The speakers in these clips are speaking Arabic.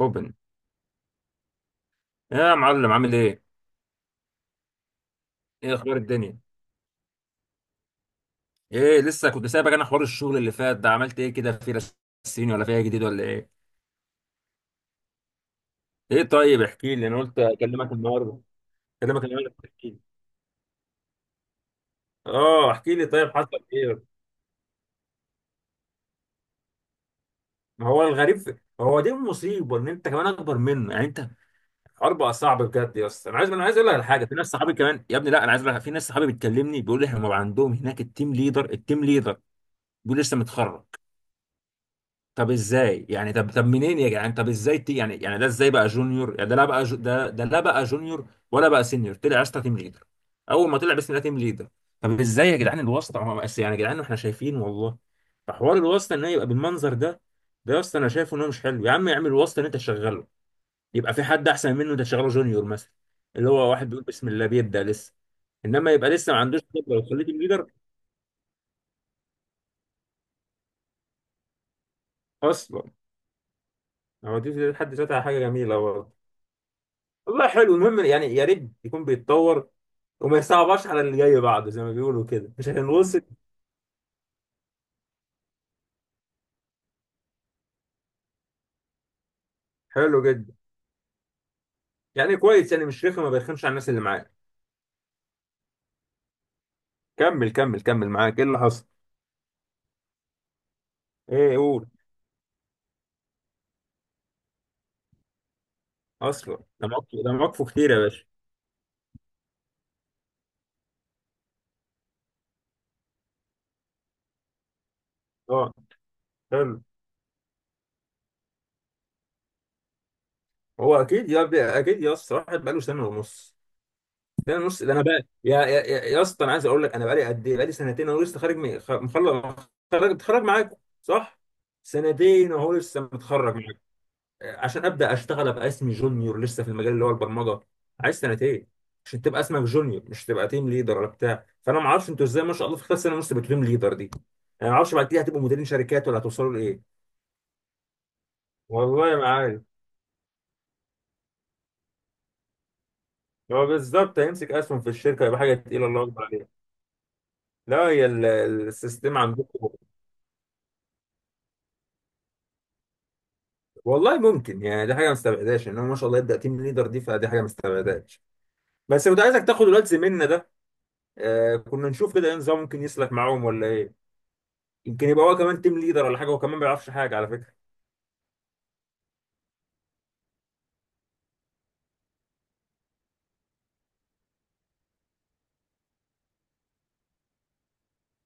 اوبن يا معلم، عامل ايه؟ ايه اخبار الدنيا؟ ايه لسه كنت سايبك. انا حوار الشغل اللي فات ده عملت ايه كده، في رسيني ولا فيها جديد ولا ايه؟ ايه طيب احكي لي، انا قلت اكلمك النهارده. اكلمك النهارده احكي لي. اه احكي لي، طيب حصل ايه؟ ما هو الغريب في... هو دي المصيبه، ان انت كمان اكبر منه يعني. انت الحوار بقى صعب بجد يا اسطى. انا عايز اقول لك على حاجه، في ناس صحابي كمان يا ابني. لا انا عايز اقول لك، في ناس صحابي بتكلمني بيقول لي هم عندهم هناك التيم ليدر التيم ليدر، بيقول لسه متخرج. طب ازاي يعني؟ طب منين يا جدعان؟ طب ازاي تي يعني؟ يعني ده ازاي بقى جونيور؟ يعني ده لا بقى جو ده لا بقى جونيور ولا بقى سينيور، طلع اسطى تيم ليدر. اول ما طلع بسم الله تيم ليدر. طب ازاي يا جدعان الواسطه؟ ما هو بس يعني يا جدعان احنا شايفين والله. فحوار الواسطه ان هي يبقى بالمنظر ده، ده يا اسطى انا شايفه ان هو مش حلو. يا عم اعمل واسطه ان انت تشغله، يبقى في حد احسن منه، انت تشغله جونيور مثلا، اللي هو واحد بيقول بسم الله بيبدا لسه. انما يبقى لسه ما عندوش خبره وتخليه تيم ليدر اصلا. هو دي في حد ذاتها حاجه جميله والله. والله حلو، المهم يعني يا ريت يكون بيتطور، وما يصعبش على اللي جاي بعده، زي ما بيقولوا كده مش هنوصل. حلو جدا، يعني كويس، يعني مش رخم، ما بيرخمش على الناس اللي معاه. كمل، معاك ايه اللي حصل؟ ايه قول. اصلا ده مواقفه، ده مواقفه كتير يا باشا. اه، حلو. هو اكيد يا ب- اكيد يا اسطى واحد بقاله سنه ونص. سنه ونص ده؟ انا بقى يا اسطى انا عايز اقول لك، انا بقالي قد ايه؟ بقالي سنتين اهو لسه خارج مخلص، خارج متخرج معاكم، صح؟ سنتين اهو لسه متخرج عشان ابدا اشتغل ابقى اسمي جونيور لسه في المجال اللي هو البرمجه. عايز سنتين عشان تبقى اسمك جونيور، مش تبقى تيم ليدر ولا بتاع. فانا ما اعرفش انتوا ازاي ما شاء الله في خلال سنه ونص بقيتوا تيم ليدر دي. انا ما اعرفش بعد كده هتبقوا مديرين شركات ولا هتوصلوا لايه. والله ما عارف. هو بالظبط هيمسك اسهم في الشركه، يبقى حاجه تقيله الله اكبر عليها. لا هي ال- السيستم عندكم. والله ممكن يعني، دي حاجه ما استبعدهاش، ان هو ما شاء الله يبدا تيم ليدر دي، فدي حاجه ما استبعدهاش. بس كنت عايزك تاخد الواد زميلنا ده، آه كنا نشوف كده ايه نظام ممكن يسلك معاهم ولا ايه. يمكن يبقى هو كمان تيم ليدر ولا حاجه، هو كمان ما بيعرفش حاجه على فكره.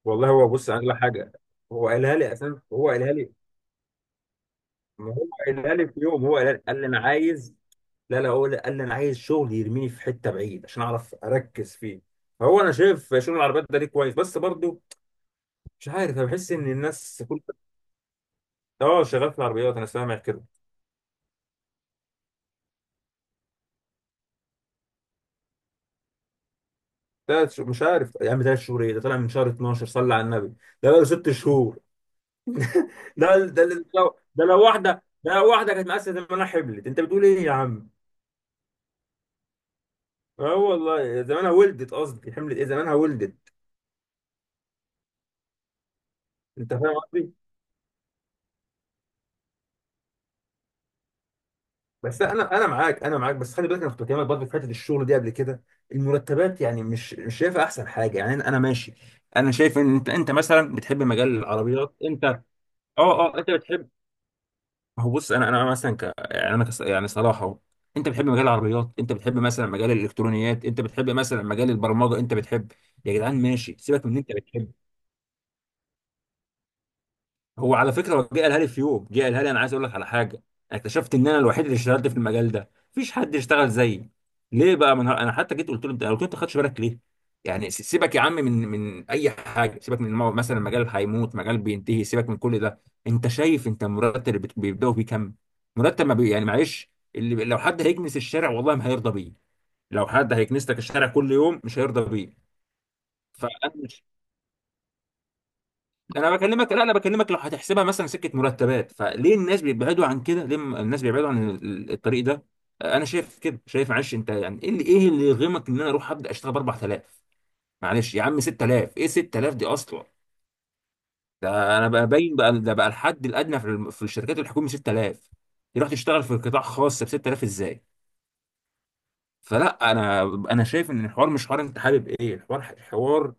والله هو بص اغلى حاجه. هو قالها لي اساسا، هو قالها لي. ما هو قالها لي في يوم، هو قالها لي، قال لي انا عايز. لا لا هو قال لي انا عايز شغل يرميني في حته بعيد عشان اعرف اركز فيه. فهو انا شايف شغل العربيات ده ليه كويس بس برضو مش عارف، انا بحس ان الناس كل. اه شغال في العربيات، انا سامع كده. تلات شهور- مش عارف يا عم، ثلاث شهور ايه؟ ده طالع من شهر 12، صلى على النبي ده بقى له ست شهور. ده لو ده لو واحده، ده لو واحده كانت مقاسه ان انا حملت، انت بتقول ايه يا عم؟ اه والله زمانها ولدت، قصدي حملت، ايه زمانها ولدت. انت فاهم قصدي. بس انا معاك، انا معاك، بس خلي بالك انا كنت بكلمك برضه في حته الشغل دي قبل كده. المرتبات يعني مش شايفها احسن حاجه يعني. انا ماشي. انا شايف ان انت مثلا بتحب مجال العربيات، انت اه. اه انت بتحب. هو بص انا مثلا ك... يعني انا كس... يعني صلاح اهو. انت بتحب مجال العربيات، انت بتحب مثلا مجال الالكترونيات، انت بتحب مثلا مجال البرمجه، انت بتحب. يا جدعان ماشي سيبك من اللي انت بتحبه. هو على فكره هو جه قالها لي في يوم، جه قالها لي انا عايز اقول لك على حاجه، اكتشفت ان انا الوحيد اللي اشتغلت في المجال ده، مفيش حد يشتغل زيي. ليه بقى؟ انا حتى جيت قلت له، انت قلت له انت ما خدتش بالك ليه. يعني س- سيبك يا عم من اي حاجه، سيبك من المو- مثلا مجال هيموت، مجال بينتهي، سيبك من كل ده. انت شايف انت المرتب اللي بت- بيبداوا بيه كام؟ مرتب ما بي... يعني معلش اللي لو حد هيكنس الشارع والله ما هيرضى بيه. لو حد هيكنس لك الشارع كل يوم مش هيرضى بيه. فانا انا بكلمك، لا انا بكلمك، لو هتحسبها مثلا سكه مرتبات، فليه الناس بيبعدوا عن كده؟ ليه م- الناس بيبعدوا عن ال- الطريق ده؟ انا شايف كده، شايف معلش انت يعني، ايه اللي ايه اللي يغمك ان انا اروح ابدا اشتغل ب 4000؟ معلش يا عم، 6000، ايه 6000 دي اصلا؟ ده انا بقى باين بقى ده بقى الحد الادنى في الم- في الشركات الحكوميه 6000، تروح تشتغل في قطاع خاص ب 6000 ازاي؟ فلا انا، انا شايف ان الحوار مش حوار انت حابب ايه، الحوار حوار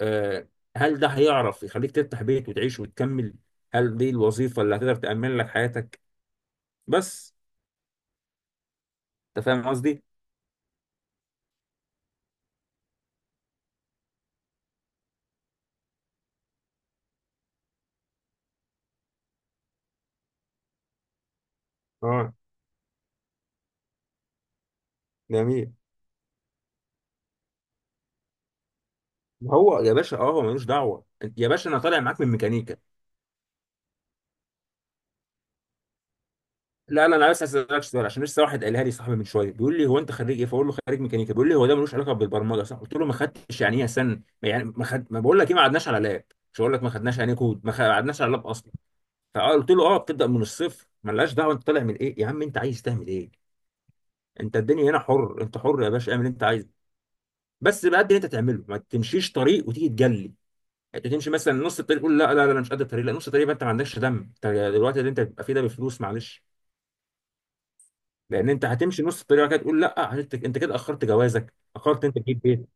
آه، هل ده هيعرف يخليك تفتح بيت وتعيش وتكمل؟ هل دي الوظيفة اللي هتقدر تأمن لك حياتك؟ بس انت فاهم قصدي. اه جميل. هو يا باشا اه هو ملوش دعوه أنت- يا باشا انا طالع معاك من ميكانيكا. لا لا انا بس عايز اسالك سؤال، عشان لسه واحد قالها لي صاحبي من شويه بيقول لي، هو انت خريج ايه؟ فاقول له خريج ميكانيكا، بيقول لي هو ده ملوش علاقه بالبرمجه صح؟ قلت له ما خدتش يعني ايه سن يعني ما خد، ما بقول لك ايه، ما قعدناش على لاب. مش هقول لك ما خدناش يعني إيه كود، ما قعدناش على لاب اصلا. فقلت له اه بتبدا من الصفر، ملهاش دعوه انت طالع من ايه، يا عم انت عايز تعمل ايه؟ انت الدنيا هنا حر، انت حر يا باشا، اعمل اللي انت عايزه، بس بقد اللي انت تعمله، ما تمشيش طريق وتيجي تجلي. انت تمشي مثلا نص الطريق تقول لا أنا مش قد الطريق، لا نص الطريق يبقى انت ما عندكش دم انت. دلوقتي اللي انت بتبقى فيه ده بفلوس معلش، لان انت هتمشي نص الطريق وبعد كده تقول لا، عشان انت انت كده اخرت جوازك، اخرت انت تجيب بيت.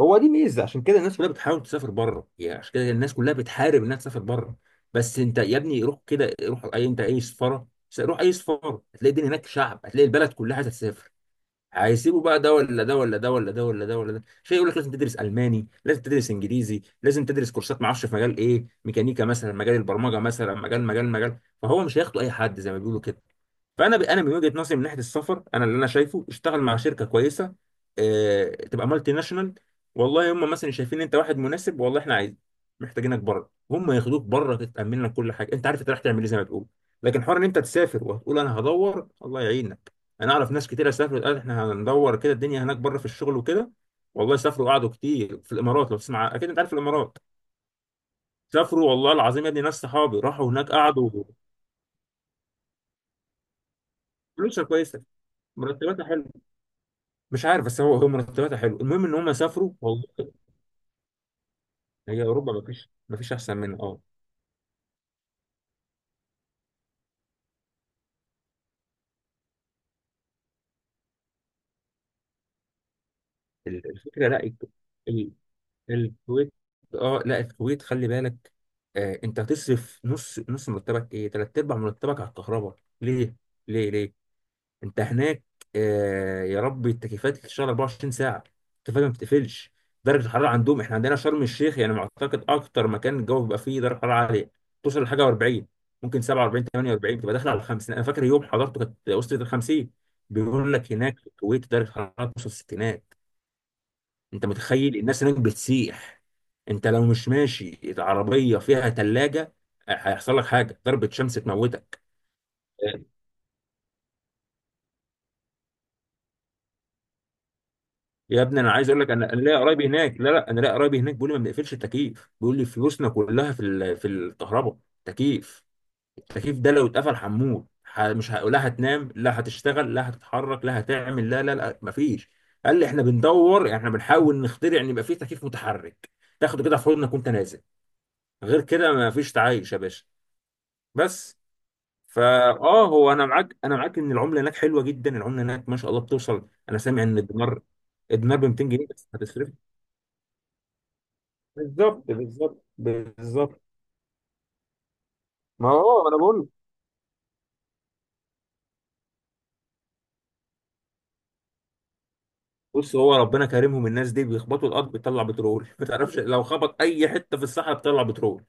هو دي ميزه، عشان كده الناس كلها بتحاول تسافر بره، يعني عشان كده الناس كلها بتحارب انها تسافر بره. بس انت يا ابني روح كده، روح اي انت اي سفاره، روح اي سفاره هتلاقي الدنيا هناك شعب، هتلاقي البلد كلها تسافر. هيسيبوا بقى ده ولا ده ولا ده ولا ده ولا ده ولا ده شيء يقول لك لازم تدرس الماني، لازم تدرس انجليزي، لازم تدرس كورسات ما اعرفش في مجال ايه، ميكانيكا مثلا، مجال البرمجه مثلا، مجال. فهو مش هياخدوا اي حد زي ما بيقولوا كده. فانا ب... انا من وجهه نظري من ناحيه السفر، انا اللي انا شايفه اشتغل مع شركه كويسه، اه... تبقى مالتي ناشونال، والله هم مثلا شايفين انت واحد مناسب، والله احنا عايزين محتاجينك بره، هم ياخدوك بره، تتامن لك كل حاجه، انت عارف انت رايح تعمل ايه زي ما تقول. لكن حوار ان انت تسافر وهتقول انا هدور، الله يعينك. انا اعرف ناس كتير سافرت قالت احنا هندور كده الدنيا هناك بره في الشغل وكده، والله سافروا وقعدوا كتير في الامارات، لو تسمع اكيد انت عارف الامارات. سافروا والله العظيم يا ابني، ناس صحابي راحوا هناك قعدوا. فلوسها كويسه، مرتباتها حلوه. مش عارف بس هو مرتباتها حلو، المهم ان هم سافروا والله. هي اوروبا ما فيش احسن منها اه. ال- الفكره، لا الك- ال- الكويت، اه لا الكويت خلي بالك. آه انت هتصرف نص مرتبك، ايه تلات ارباع مرتبك على الكهرباء. ليه انت هناك؟ آه يا رب، التكييفات بتشتغل 24 ساعه، التكييفات ما بتقفلش. درجه الحراره عندهم، احنا عندنا شرم الشيخ يعني معتقد اكتر مكان الجو بيبقى فيه درجه حراره عاليه، توصل لحاجه 40، ممكن 47، 48، تبقى داخله على 50. انا فاكر يوم حضرته كانت وصلت ل 50. بيقول لك هناك في الكويت درجه الحراره توصل الستينات. انت متخيل الناس هناك بتسيح؟ انت لو مش ماشي العربيه فيها ثلاجه هيحصل لك حاجه ضربه شمس تموتك. يا ابني انا عايز اقول لك، انا ليا قرايبي هناك، لا لا انا ليا قرايبي هناك بيقول لي ما بنقفلش التكييف، بيقول لي فلوسنا كلها في ال- في الكهرباء. تكييف، التكييف ده لو اتقفل هنموت، ح- مش ه... لا هتنام، لا هتشتغل، لا هتتحرك، لا هتعمل، لا مفيش. قال لي احنا بندور يعني احنا بنحاول نخترع ان يبقى فيه تكييف متحرك، تاخده كده في حضنك وانت نازل، غير كده مفيش تعايش يا باشا. بس فا اه هو انا معاك، انا معاك ان العمله هناك حلوه جدا، العمله هناك ما شاء الله بتوصل، انا سامع ان الدينار، الدينار ب 200 جنيه، بس هتصرف. بالظبط. ما هو انا بقول بص هو ربنا كريمهم، الناس دي بيخبطوا الارض بتطلع بترول ما تعرفش لو خبط اي حته في الصحراء بتطلع بترول.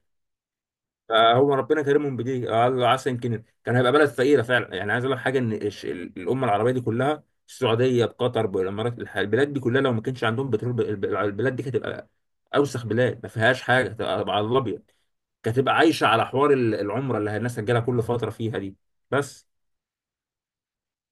فهو ربنا كريمهم، بدي قال عسى يمكن كان هيبقى بلد فقيره فعلا. يعني عايز اقول لك حاجه، ان الش- ال- الامه العربيه دي كلها، السعوديه بقطر بالامارات الح- البلاد دي كلها لو ما كانش عندهم بترول ب- الب- البلاد دي كانت هتبقى اوسخ بلاد، ما فيهاش حاجه، هتبقى على الابيض. كانت هتبقى عايشه على حوار ال- العمره اللي الناس هتجيلها كل فتره فيها دي، بس.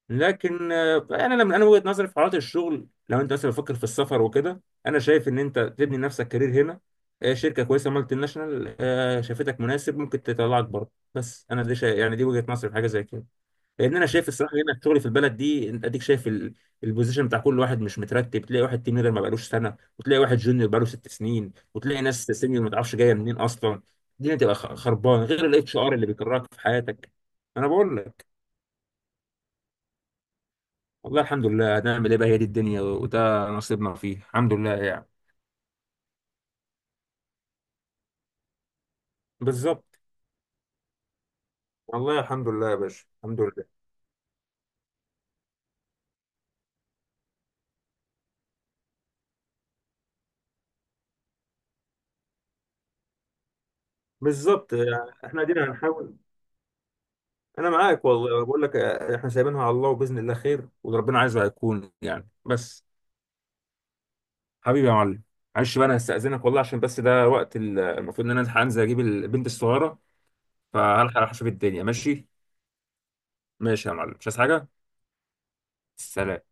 لكن آه، انا لما انا وجهة نظري في حالات الشغل لو انت مثلا بتفكر في السفر وكده، انا شايف ان انت تبني لنفسك كارير هنا، آه، شركه كويسه مالتي ناشونال آه، شافتك مناسب ممكن تطلعك بره، بس انا دي شا... يعني دي وجهة نظري في حاجه زي كده. لان انا شايف الصراحه هنا شغلي في البلد دي انت اديك شايف ال... البوزيشن بتاع كل واحد مش مترتب، تلاقي واحد تيم ليدر ما بقالوش سنه، وتلاقي واحد جونيور بقاله ست سنين، وتلاقي ناس سينيور ما تعرفش جايه منين اصلا. الدنيا تبقى خ- خربانه غير الاتش ار اللي بيكرهك في حياتك. انا بقول والله الحمد لله، هنعمل ايه بقى، هي دي الدنيا، وده نصيبنا فيه، الحمد لله يعني. بالظبط، والله الحمد لله يا باشا الحمد لله. بالظبط يعني، احنا دينا هنحاول. انا معاك والله بقول لك آه، احنا سايبينها على الله، وباذن الله خير، واللي ربنا عايزه هيكون يعني، بس. حبيبي يا معلم، معلش بقى انا هستأذنك والله، عشان بس ده وقت ال- المفروض ان انا هنزل اجيب البنت الصغيره، فهلحق اشوف الدنيا ماشي. ماشي يا معلم، مش عايز حاجه. سلام.